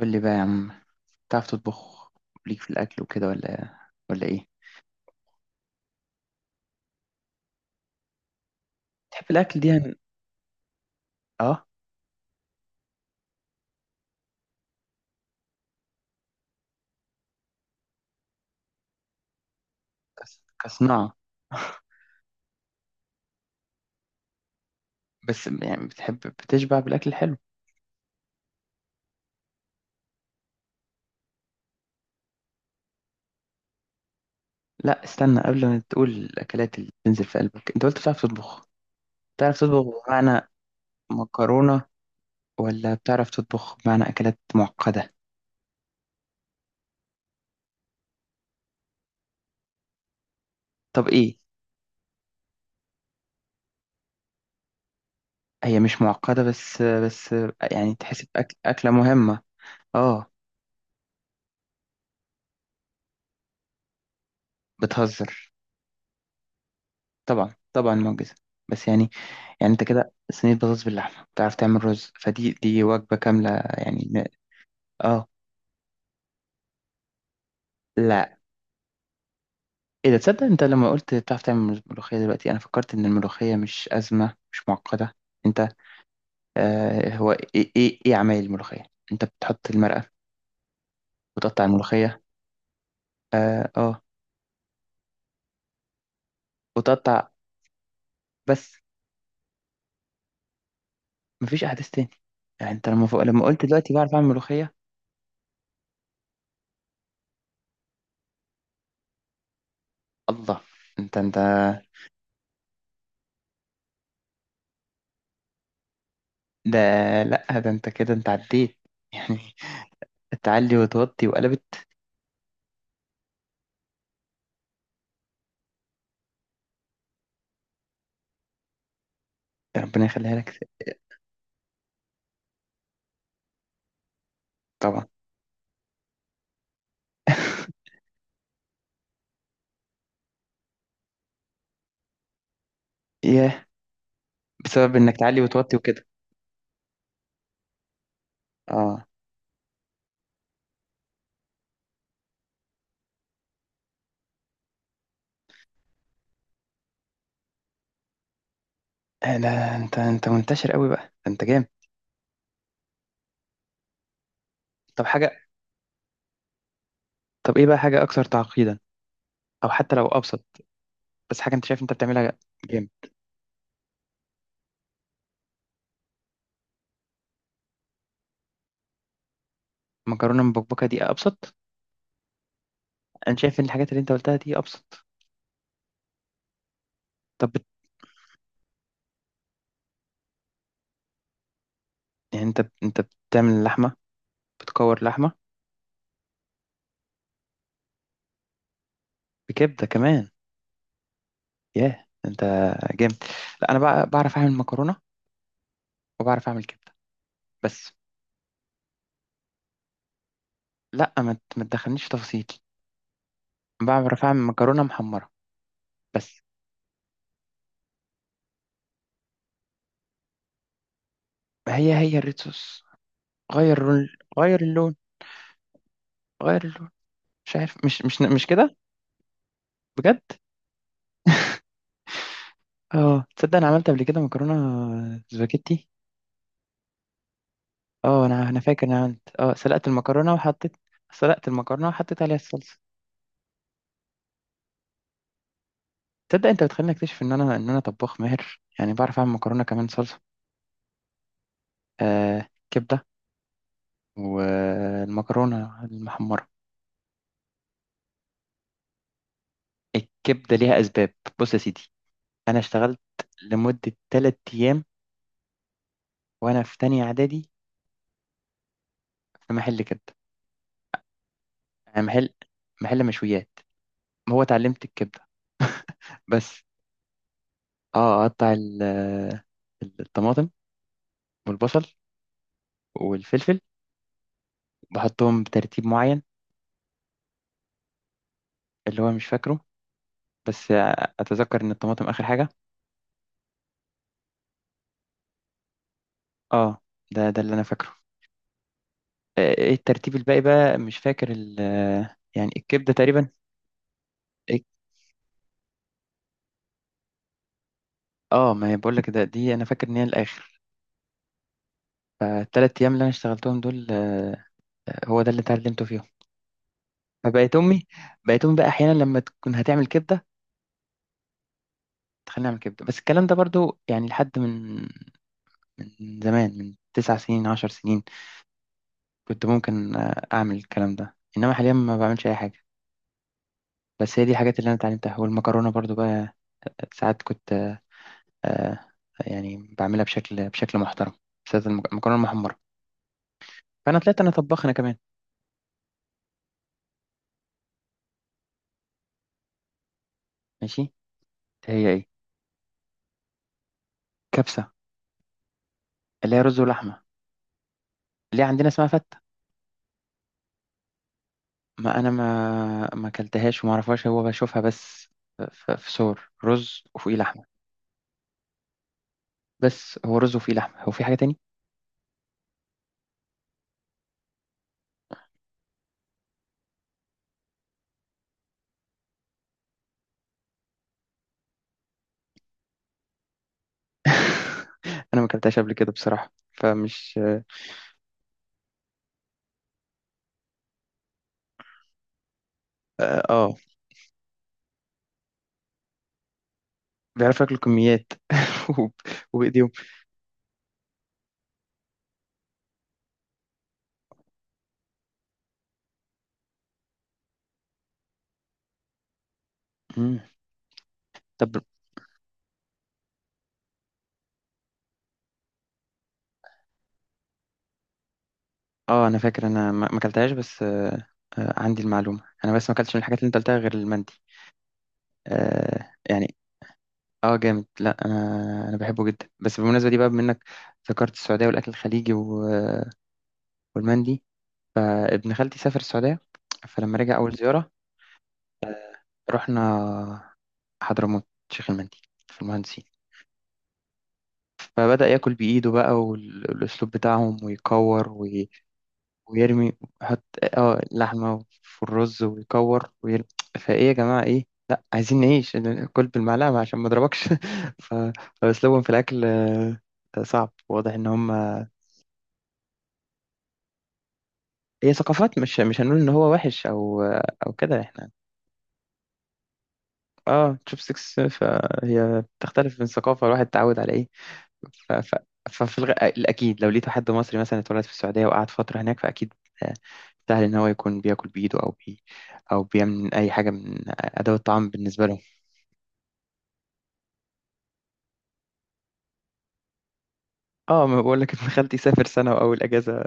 قول لي بقى يا عم، تعرف تطبخ ليك في الأكل وكده ولا إيه؟ تحب الأكل دي يعني. آه. كصناعة. بس يعني، بتحب بتشبع بالأكل الحلو. لا، استنى قبل ما تقول الأكلات اللي بتنزل في قلبك، أنت قلت بتعرف تطبخ. بتعرف تطبخ بمعنى مكرونة، ولا بتعرف تطبخ بمعنى أكلات معقدة؟ طب إيه؟ هي مش معقدة، بس يعني تحسب أكل أكلة مهمة. آه. بتهزر. طبعا طبعا معجزة. بس يعني، انت كده صينية بطاطس باللحمة، بتعرف تعمل رز، فدي وجبة كاملة. يعني م- اه. لا، ايه ده؟ تصدق انت لما قلت بتعرف تعمل ملوخية، دلوقتي انا فكرت ان الملوخية مش أزمة، مش معقدة. انت... آه هو ايه ايه عمايل الملوخية؟ انت بتحط المرقة، وتقطع الملوخية. اه اه. وتقطع، بس. مفيش احداث تاني؟ يعني انت لما فوق، قلت دلوقتي بعرف اعمل ملوخية. الله! انت. ده... لا، ده انت كده عديت يعني. تعلي وتوطي وقلبت. ربنا يخليها لك. طبعا. ياه، بسبب انك تعلي وتوطي وكده. اه. لا انت منتشر قوي بقى، ده انت جامد. طب حاجه طب ايه بقى حاجه اكثر تعقيدا، او حتى لو ابسط. بس حاجه انت شايف انت بتعملها. جامد. مكرونه مبكبكه دي ابسط؟ انا شايف ان الحاجات اللي انت قلتها دي ابسط. طب بت... يعني انت بتعمل لحمه، بتكور لحمه؟ بكبده كمان؟ ياه انت جامد! لا انا بقى بعرف اعمل مكرونه، وبعرف اعمل كبده بس. لا، ما تدخلنيش في تفاصيل، بعرف اعمل مكرونه محمره بس. هي الريد صوص، غير اللون. غير اللون. غير اللون. مش عارف، مش كده. بجد. اه، تصدق انا عملت قبل كده مكرونه سباجيتي. اه، انا فاكر انا عملت اه سلقت المكرونه وحطيت. سلقت المكرونه وحطيت عليها الصلصه. تصدق، انت بتخليني اكتشف ان انا طباخ ماهر، يعني بعرف اعمل مكرونه كمان صلصه. آه، كبده والمكرونه المحمره. الكبده ليها اسباب. بص يا سيدي، انا اشتغلت لمده 3 ايام وانا في تانية اعدادي، في محل كبده. يعني محل، مشويات. هو اتعلمت الكبدة بس. اه اقطع الطماطم والبصل والفلفل، بحطهم بترتيب معين، اللي هو مش فاكره، بس اتذكر ان الطماطم اخر حاجة. اه، ده اللي انا فاكره. آه، ايه الترتيب الباقي بقى، مش فاكر ال... يعني الكبدة تقريبا. إيه- اه، ما هي بقول لك، ده دي انا فاكر ان هي الاخر. فالتلات ايام اللي انا اشتغلتهم دول، هو ده اللي اتعلمته فيهم. فبقيت امي بقيت امي بقى احيانا لما تكون هتعمل كبدة، خلينا نعمل كبده. بس الكلام ده برضو يعني لحد من زمان، من تسع سنين، عشر سنين. كنت ممكن اعمل الكلام ده، انما حاليا ما بعملش اي حاجه. بس هي دي الحاجات اللي انا اتعلمتها، والمكرونه برضو بقى. ساعات كنت آه، يعني بعملها بشكل محترم، بالذات المكرونه المحمره. فانا طلعت انا طباخ انا كمان. ماشي، هي ايه؟ كبسه، اللي هي رز ولحمه. اللي هي عندنا اسمها فته. ما انا ما اكلتهاش وما اعرفهاش، هو بشوفها بس. في صور رز وفوقيه لحمه، بس هو رز وفيه لحمة؟ هو في حاجة تاني؟ أنا ما أكلتهاش قبل كده بصراحة، فمش... آه آه، بيعرفوا ياكلوا كميات. وب- وبإيديهم. مم. طب... آه أنا فاكر، أنا ما أكلتهاش بس. آه، آه عندي المعلومة أنا، بس ما أكلتش من الحاجات اللي أنت قلتها غير المندي. آه يعني... آه جامد، لا أنا، بحبه جدا. بس بالمناسبة دي بقى منك، ذكرت السعودية والأكل الخليجي والمندي. آه، ابن خالتي سافر السعودية، فلما رجع أول زيارة رحنا حضرموت شيخ المندي في المهندسين. فبدأ ياكل بإيده بقى، والأسلوب بتاعهم، ويكور ويرمي. يحط اه اللحمة في الرز ويكور ويرمي. فإيه يا جماعة، إيه لا عايزين نعيش؟ كل بالمعلقة عشان ما اضربكش. ف- فأسلوبهم في الأكل صعب، واضح إن هم... هي ثقافات، مش هنقول إن هو وحش أو أو كده. إحنا اه تشوب سكس، فهي بتختلف من ثقافة الواحد اتعود على إيه. ف... ف... ففي الأكيد لو لقيتوا حد مصري مثلا اتولد في السعودية وقعد فترة هناك، فأكيد آه، سهل إن هو يكون بياكل بإيده أو أو بيعمل أي حاجة من أدوات الطعام بالنسبة لهم. اه ما بقول لك، ابن خالتي سافر سنة وأول أجازة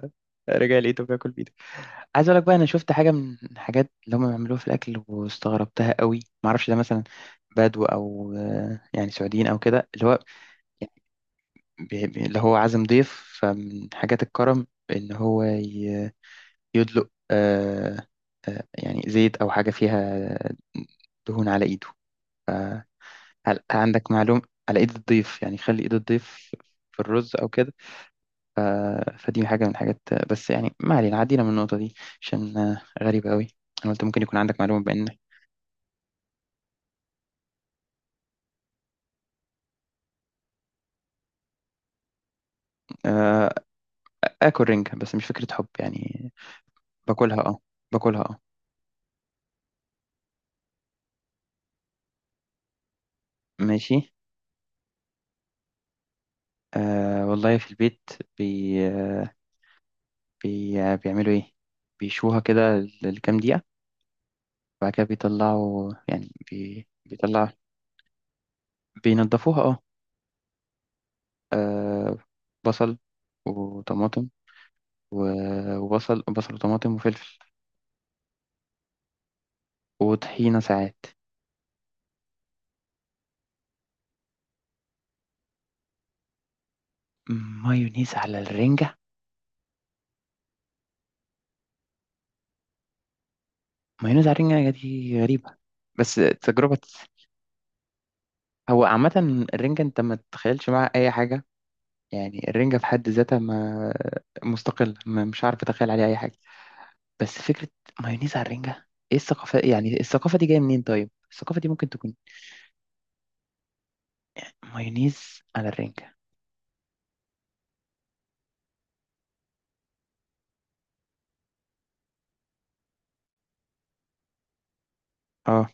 رجع لقيته بياكل بإيده. عايز أقول لك بقى، أنا شفت حاجة من الحاجات اللي هم بيعملوها في الأكل واستغربتها قوي. معرفش ده مثلا بدو أو يعني سعوديين أو كده، اللي هو اللي هو عازم ضيف. فمن حاجات الكرم إن هو يدلق يعني زيت أو حاجة فيها آه، دهون على إيده، فهل عندك معلومة؟ على إيد الضيف، يعني خلي إيد الضيف في الرز أو كده. ف... فدي حاجة من الحاجات. بس يعني ما علينا، عدينا من النقطة دي عشان غريبة أوي. أنا قلت ممكن يكون عندك معلومة بإن... آه، آكل رنجة بس مش فكرة حب يعني. باكلها أه باكلها أه. ماشي. والله في البيت بي... آه، بي... آه، بيعملوا إيه، بيشوها كده لكام دقيقة، بعد كده بيطلعوا، يعني بيطلع. بينضفوها اه. آه، بصل وطماطم. وبصل وطماطم وفلفل. وطحينة ساعات. مايونيز على الرنجة؟ مايونيز على الرنجة دي غريبة، بس تجربة. هو عامة، الرنجة انت ما تتخيلش معاها أي حاجة. يعني الرنجة في حد ذاتها، ما... مستقلة، ما مش عارف أتخيل عليها أي حاجة. بس فكرة مايونيز على الرنجة، ايه الثقافة؟ يعني الثقافة دي جاية منين طيب؟ الثقافة دي ممكن تكون... مايونيز على الرنجة. اه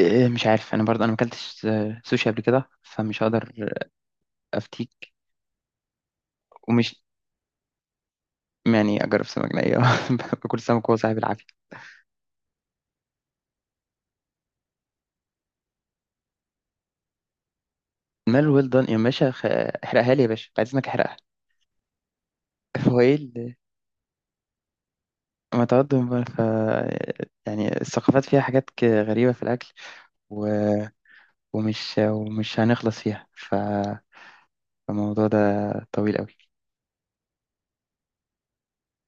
إيه، مش عارف انا برضه، ما اكلتش سوشي قبل كده فمش هقدر افتيك. ومش يعني اجرب سمك ني باكل سمك وهو صاحب العافيه. مال ويل دون يا باشا، احرقها لي يا باشا، عايز انك احرقها. هو ايه اللي- ما تقدم بقى. يعني الثقافات فيها حاجات غريبه في الاكل. و... ومش هنخلص فيها. فالموضوع ده طويل قوي.